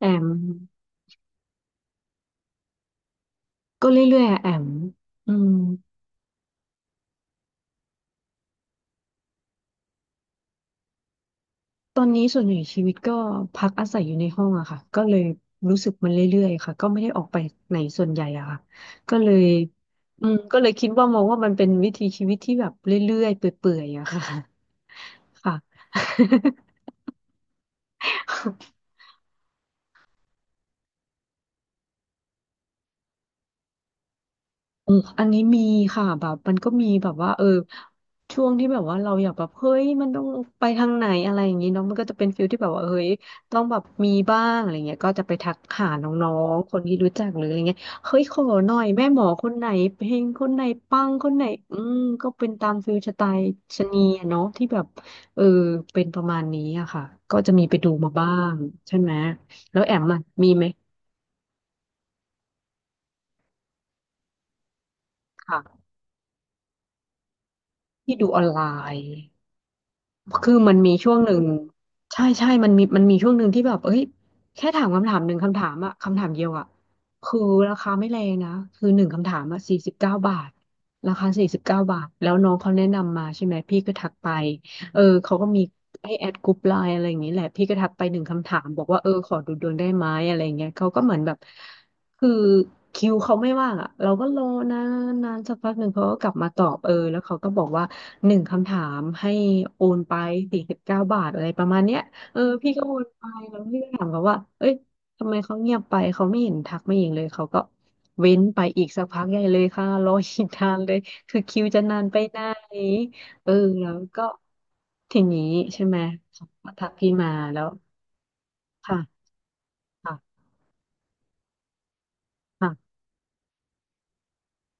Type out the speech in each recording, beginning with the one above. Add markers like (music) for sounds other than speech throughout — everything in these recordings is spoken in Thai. แอมก็เรื่อยๆอะแอมอืมตอนนี้ส่วนใหญ่ชีวิตก็พักอาศัยอยู่ในห้องอะค่ะก็เลยรู้สึกมันเรื่อยๆค่ะก็ไม่ได้ออกไปไหนส่วนใหญ่อะค่ะก็เลยอืมก็เลยคิดว่ามองว่ามันเป็นวิถีชีวิตที่แบบเรื่อยๆเปื่อยๆอะค่ะค่ะ (laughs) อืมอันนี้มีค่ะแบบมันก็มีแบบว่าเออช่วงที่แบบว่าเราอยากแบบเฮ้ยมันต้องไปทางไหนอะไรอย่างนี้เนาะมันก็จะเป็นฟิลที่แบบว่าเฮ้ยต้องแบบมีบ้างอะไรเงี้ยก็จะไปทักหาน้องๆคนที่รู้จักหรืออะไรเงี้ยเฮ้ยขอหน่อยแม่หมอคนไหนเพลงคนไหนปังคนไหนอืมก็เป็นตามฟิลสไตล์ชะนีอะเนาะที่แบบเออเป็นประมาณนี้อะค่ะก็จะมีไปดูมาบ้างใช่ไหมแล้วแอมอะมีไหมค่ะที่ดูออนไลน์ คือมันมีช่วงหนึ่งใช่ใช่มันมีช่วงหนึ่งที่แบบเอ้ยแค่ถามคำถามหนึ่งคำถามอะคำถามเดียวอะคือราคาไม่แรงนะคือหนึ่งคำถามอะสี่สิบเก้าบาทราคาสี่สิบเก้าบาทแล้วน้องเขาแนะนำมาใช่ไหมพี่ก็ทักไปเออเขาก็มีให้แอดกรุ๊ปไลน์อะไรอย่างนี้แหละพี่ก็ทักไปหนึ่งคำถามบอกว่าเออขอดูดวงได้ไหมอะไรอย่างเงี้ยเขาก็เหมือนแบบ คือคิวเขาไม่ว่างอ่ะเราก็รอนานนานสักพักหนึ่งเขาก็กลับมาตอบเออแล้วเขาก็บอกว่าหนึ่งคำถามให้โอนไปสี่สิบเก้าบาทอะไรประมาณเนี้ยเออพี่ก็โอนไปแล้วพี่ก็ถามเขาว่าเอ้ยทำไมเขาเงียบไปเขาไม่เห็นทักไม่เห็นเลยเขาก็เว้นไปอีกสักพักใหญ่เลยค่ะรออีกนานเลยคือคิวจะนานไปไหนเออแล้วก็ทีนี้ใช่ไหมเขาก็ทักพี่มาแล้วค่ะค่ะค่ะ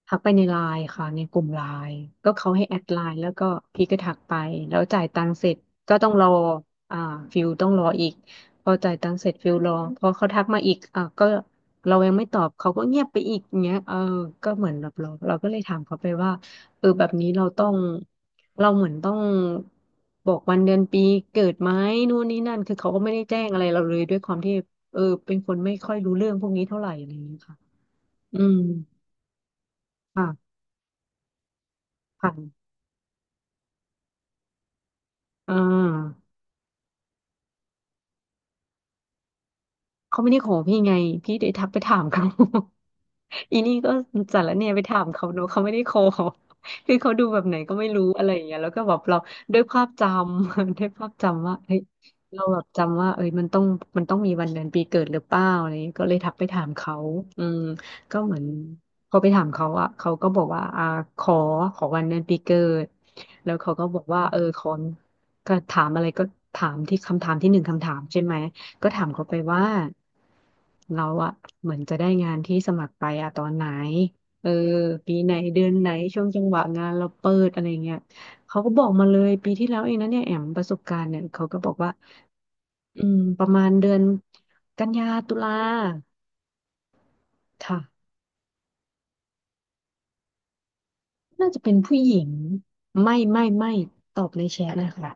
ทักไปในไลน์ค่ะในกลุ่มไลน์ก็เขาให้แอดไลน์แล้วก็พี่ก็ทักไปแล้วจ่ายตังค์เสร็จก็ต้องรออ่าฟิลต้องรออีกพอจ่ายตังค์เสร็จฟิลรอพอเขาทักมาอีกอ่าก็เรายังไม่ตอบเขาก็เงียบไปอีกเงี้ยเออก็เหมือนแบบเราก็เลยถามเขาไปว่าเออแบบนี้เราต้องเราเหมือนต้องบอกวันเดือนปีเกิดไหมนู่นนี่นั่นคือเขาก็ไม่ได้แจ้งอะไรเราเลยด้วยความที่เออเป็นคนไม่ค่อยรู้เรื่องพวกนี้เท่าไหร่อะไรอย่างเงี้ยค่ะอืมค่ะผ่าน อ่าเขาไม่ได้ขอพี่ไงพี่ได้ทักไปถามเขา (laughs) อีนี่ก็สารเนี่ยไปถามเขาเนอะเขาไม่ได้ขอ (laughs) คือเขาดูแบบไหนก็ไม่รู้อะไรอย่างเงี้ยแล้วก็แบบเราด้วยภาพจำ (laughs) ด้วยภาพจำว่าเฮ้ยเราแบบจำว่าเอ้ยมันต้องมีวันเดือนปีเกิดหรือเปล่าอะไรอย่างเงี้ยก็เลยทักไปถามเขาอืมก็เหมือนพอไปถามเขาอะเขาก็บอกว่าอ่าขอขอวันเดือนปีเกิดแล้วเขาก็บอกว่าเออขอก็ถามอะไรก็ถามที่คำถามที่หนึ่งคำถามใช่ไหม ก็ถามเขาไปว่าเราอะเหมือนจะได้งานที่สมัครไปอะตอนไหนเออปีไหนเดือนไหนช่วงจังหวะงานเราเปิดอะไรเงี้ยเขาก็บอกมาเลยปีที่แล้วเองนะเนี่ยแอมประสบการณ์เนี่ยเขาก็บอกว่าอืมประมาณเดือนกันยาตุลาค่ะน่าจะเป็นผู้หญิงไม่ไม่ไม่ตอบในแชทนะคะ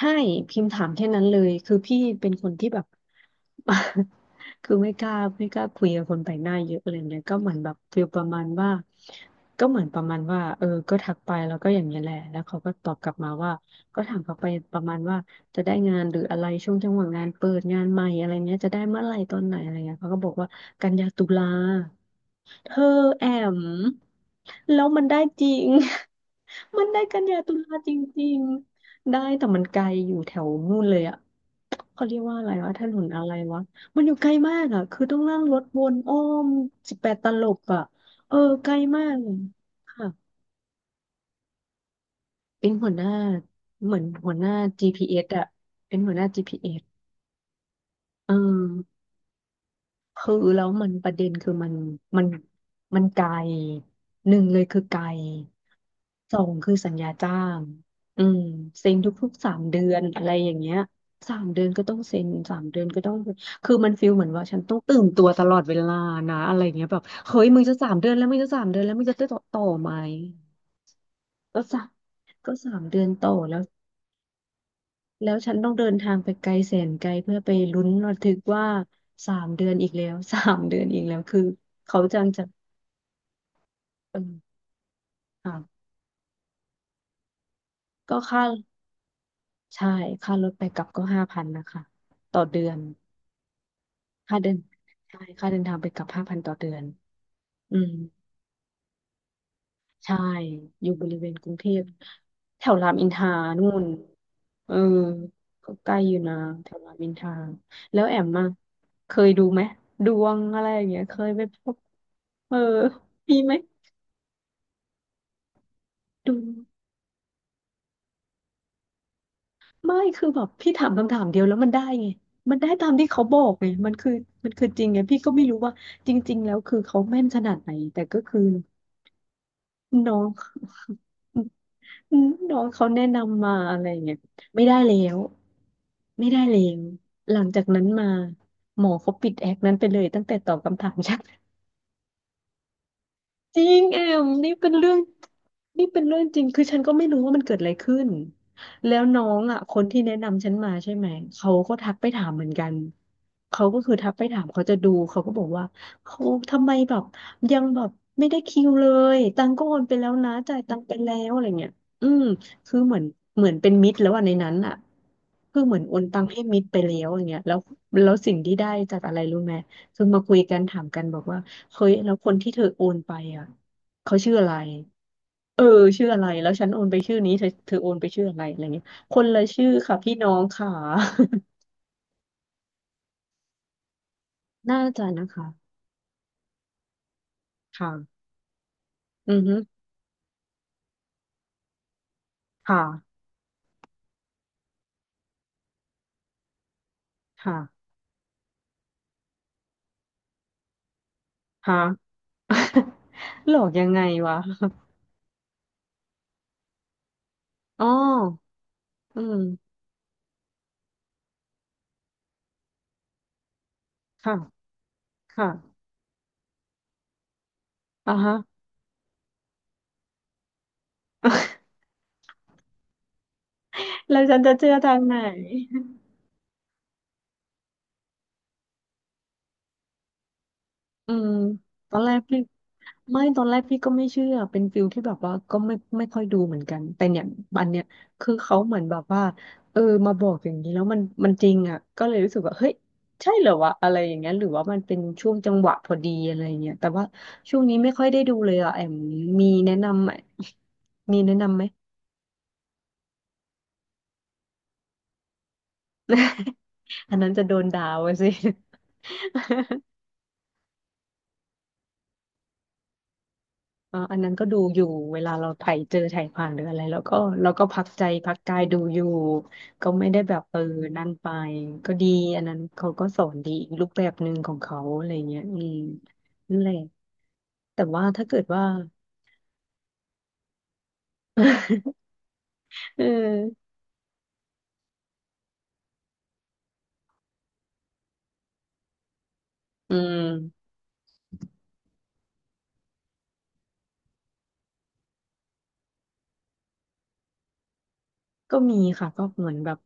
ให้พิมพ์ถามแค่นั้นเลยคือพี่เป็นคนที่แบบ (laughs) คือไม่กล้าไม่กล้าคุยกับคนแปลกหน้าเยอะเลยเนี่ยก็เหมือนแบบฟีลประมาณว่าก็เหมือนประมาณว่าเออก็ทักไปแล้วก็อย่างนี้ยแหละแล้วเขาก็ตอบกลับมาว่าก็ถามเขาไปประมาณว่าจะได้งานหรืออะไรช่วงจังหวะงานเปิดงานใหม่อะไรเนี้ยจะได้เมื่อไหร่ตอนไหนอะไรเงี้ยเขาก็บอกว่ากันยาตุลา เธอแอมแล้วมันได้จริง (laughs) มันได้กันยาตุลาจริงๆได้แต่มันไกลอยู่แถวนู่นเลยอะเขาเรียกว่าอะไรวะถนนอะไรวะมันอยู่ไกลมากอะคือต้องนั่งรถวนอ้อม18 ตลบอะเออไกลมากเลยค่ะเป็นหัวหน้าเหมือนหัวหน้า GPS อสอะเป็นหัวหน้า GPS เอสเออ คือแล้วมันประเด็นคือมันมันไกลหนึ่งเลยคือไกลสองคือสัญญาจ้างอืมเซ็นทุกๆสามเดือนอะไรอย่างเงี้ยสามเดือนก็ต้องเซ็นสามเดือนก็ต้องคือมันฟีลเหมือนว่าฉันต้องตื่นตัวตลอดเวลานะอะไรเงี้ยแบบเฮ้ยมึงจะสามเดือนแล้วมึงจะสามเดือนแล้วมึงจะได้ต่อไหมก็สามก็สามเดือนต่อแล้ว แล้วฉันต้องเดินทางไปไกลแสนไกลเพื่อไปลุ้นระทึกว่าสามเดือนอีกแล้ว (laughs) 3 เดือนอีกแล้วคือเขาจังจะเออค่ะก็ค่าใช่ค่ารถไปกลับก็ห้าพันนะคะต่อเดือนค่าเดินใช่ค่าเดินทางไปกลับห้าพันต่อเดือนอืมใช่อยู่บริเวณกรุงเทพแถวรามอินทรานู่นเออก็ใกล้อยู่นะแถวรามอินทราแล้วแอมมาเคยดูไหมดวงอะไรอย่างเงี้ยเคยไปพบ เออมีไหมดูไม่คือแบบพี่ถามคำถามเดียวแล้วมันได้ไงมันได้ตามที่เขาบอกไงมันคือจริงไงพี่ก็ไม่รู้ว่าจริงๆแล้วคือเขาแม่นขนาดไหนแต่ก็คือน้องน้องเขาแนะนำมาอะไรเงี้ยไม่ได้แล้วไม่ได้แล้วหลังจากนั้นมาหมอเขาปิดแอคนั้นไปเลยตั้งแต่ตอบคำถาม (laughs) ฉัน จริงแอมนี่เป็นเรื่องจริงคือฉันก็ไม่รู้ว่ามันเกิดอะไรขึ้นแล้วน้องอ่ะคนที่แนะนำฉันมาใช่ไหมเขาก็ทักไปถามเหมือนกันเขาก็คือทักไปถามเขาจะดูเขาก็บอกว่าเขาทำไมแบบยังแบบไม่ได้คิวเลยตังค์ก็โอนไปแล้วนะจ่ายตังค์ไปแล้วอะไรเงี้ยอืมคือเหมือนเป็นมิตรแล้วอ่ะในนั้นอ่ะคือเหมือนโอนตังค์ให้มิตรไปแล้วอย่างเงี้ยแล้วสิ่งที่ได้จากอะไรรู้ไหมคือมาคุยกันถามกันบอกว่า เฮ้ยแล้วคนที่เธอโอนไปอ่ะเขาชื่ออะไรเออชื่ออะไรแล้วฉันโอนไปชื่อนี้เธอโอนไปชื่ออะไรอะไรเงี้ยคนละชื่อค่ะพี่น้องค่ะ (laughs) น่าจะนะคะค่ะอือฮึค่ะค่ะค่ะ (laughs) หลอกยังไงวะอ๋ออืมค่ะค่ะอ่าฮะ (laughs) แล้วฉันจะเชื่อทางไหน อืมตอนแรกพี่ตอนแรกพี่ก็ไม่เชื่อเป็นฟิลที่แบบว่าก็ไม่ค่อยดูเหมือนกันแต่เนี่ยอันเนี้ยคือเขาเหมือนแบบว่าเออมาบอกอย่างนี้แล้วมันจริงอ่ะก็เลยรู้สึกว่าเฮ้ยใช่เหรอวะอะไรอย่างเงี้ยหรือว่ามันเป็นช่วงจังหวะพอดีอะไรอย่างเงี้ยแต่ว่าช่วงนี้ไม่ค่อยได้ดูเลยอ่ะแอมมีแนะนำไหมมีแนะนำไหม (laughs) อันนั้นจะโดนด่าว่ะสิ (laughs) อันนั้นก็ดูอยู่เวลาเราไถเจอไถผ่านหรืออะไรแล้วก็เราก็พักใจพักกายดูอยู่ก็ไม่ได้แบบเออนั่นไปก็ดีอันนั้นเขาก็สอนดีอีกรูปแบบหนึ่งของเขาอะไรเงี้ยอืมนั่นแหละแต่ว่าถ้าเกิดว่า (laughs) เอออืมก็มีค่ะก็เหมือนแบบ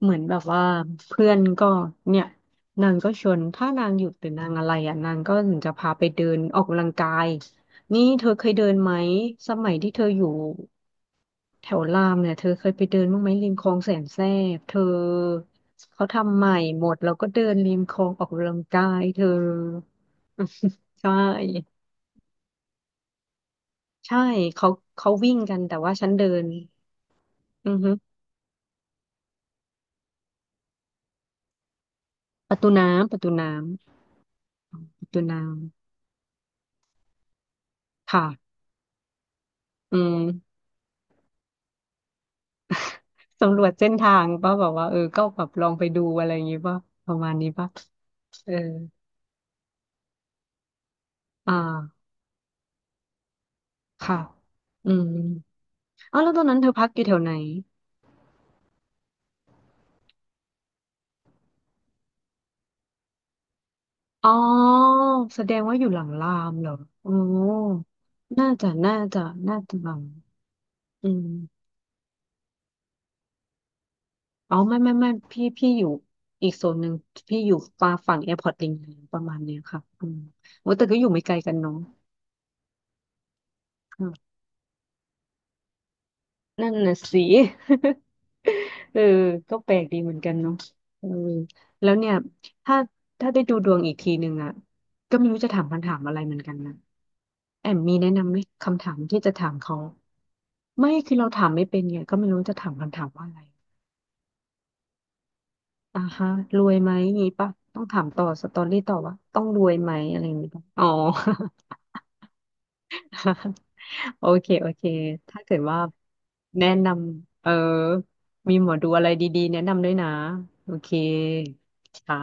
เหมือนแบบว่าเพื่อนก็เนี่ยนางก็ชวนถ้านางหยุดหรือนางอะไรอ่ะนางก็ถึงจะพาไปเดินออกกำลังกายนี่เธอเคยเดินไหมสมัยที่เธออยู่ แถวรามเนี่ยเธอเคยไปเดินบ้างไหมริมคลองแสนแสบเธอเขาทำใหม่หมดแล้วก็เดินริมคลองออกกำลังกายเธอ (laughs) ใช่ใช่เขาเขาวิ่งกันแต่ว่าฉันเดินอือฮึประตูน้ำประตูน้ำค่ะอืมสำรวจเส้นทางป่ะแบบว่าเออก็แบบลองไปดูอะไรอย่างงี้ป่ะประมาณนี้ป่ะเอออ่าค่ะอืมอ้าวแล้วตอนนั้นเธอพักอยู่แถวไหน อ๋อแสดงว่าอยู่หลังรามเหรออ๋อน่าจะน่าจะน่าจะหลังอืมอ๋อไม่ไม่ไม่พี่อยู่อีกโซนหนึ่งพี่อยู่ฟาฝั่งแอร์พอร์ตลิงประมาณเนี้ยค่ะอืมโอ้แต่ก็อยู่ไม่ไกลกันเนาะ นั่นน่ะสิ (laughs) เออก็แปลกดีเหมือนกันเนาะเออแล้วเนี่ยถ้าถ้าได้ดูดวงอีกทีหนึ่งอ่ะก็ไม่รู้จะถามคำถามอะไรเหมือนกันนะแอมมีแนะนำไหมคำถามที่จะถามเขาไม่คือเราถามไม่เป็นไงก็ไม่รู้จะถามคำถามว่าอะไรอ่าฮะรวยไหมงี้ปะต้องถามต่อสตอรี่ต่อว่าต้องรวยไหมอะไรอย่างงี้ปะอ๋อ (laughs) โอเคโอเคถ้าเกิดว่าแนะนำเออมีหมอดูอะไรดีๆแนะนำด้วยนะโอเคค่ะ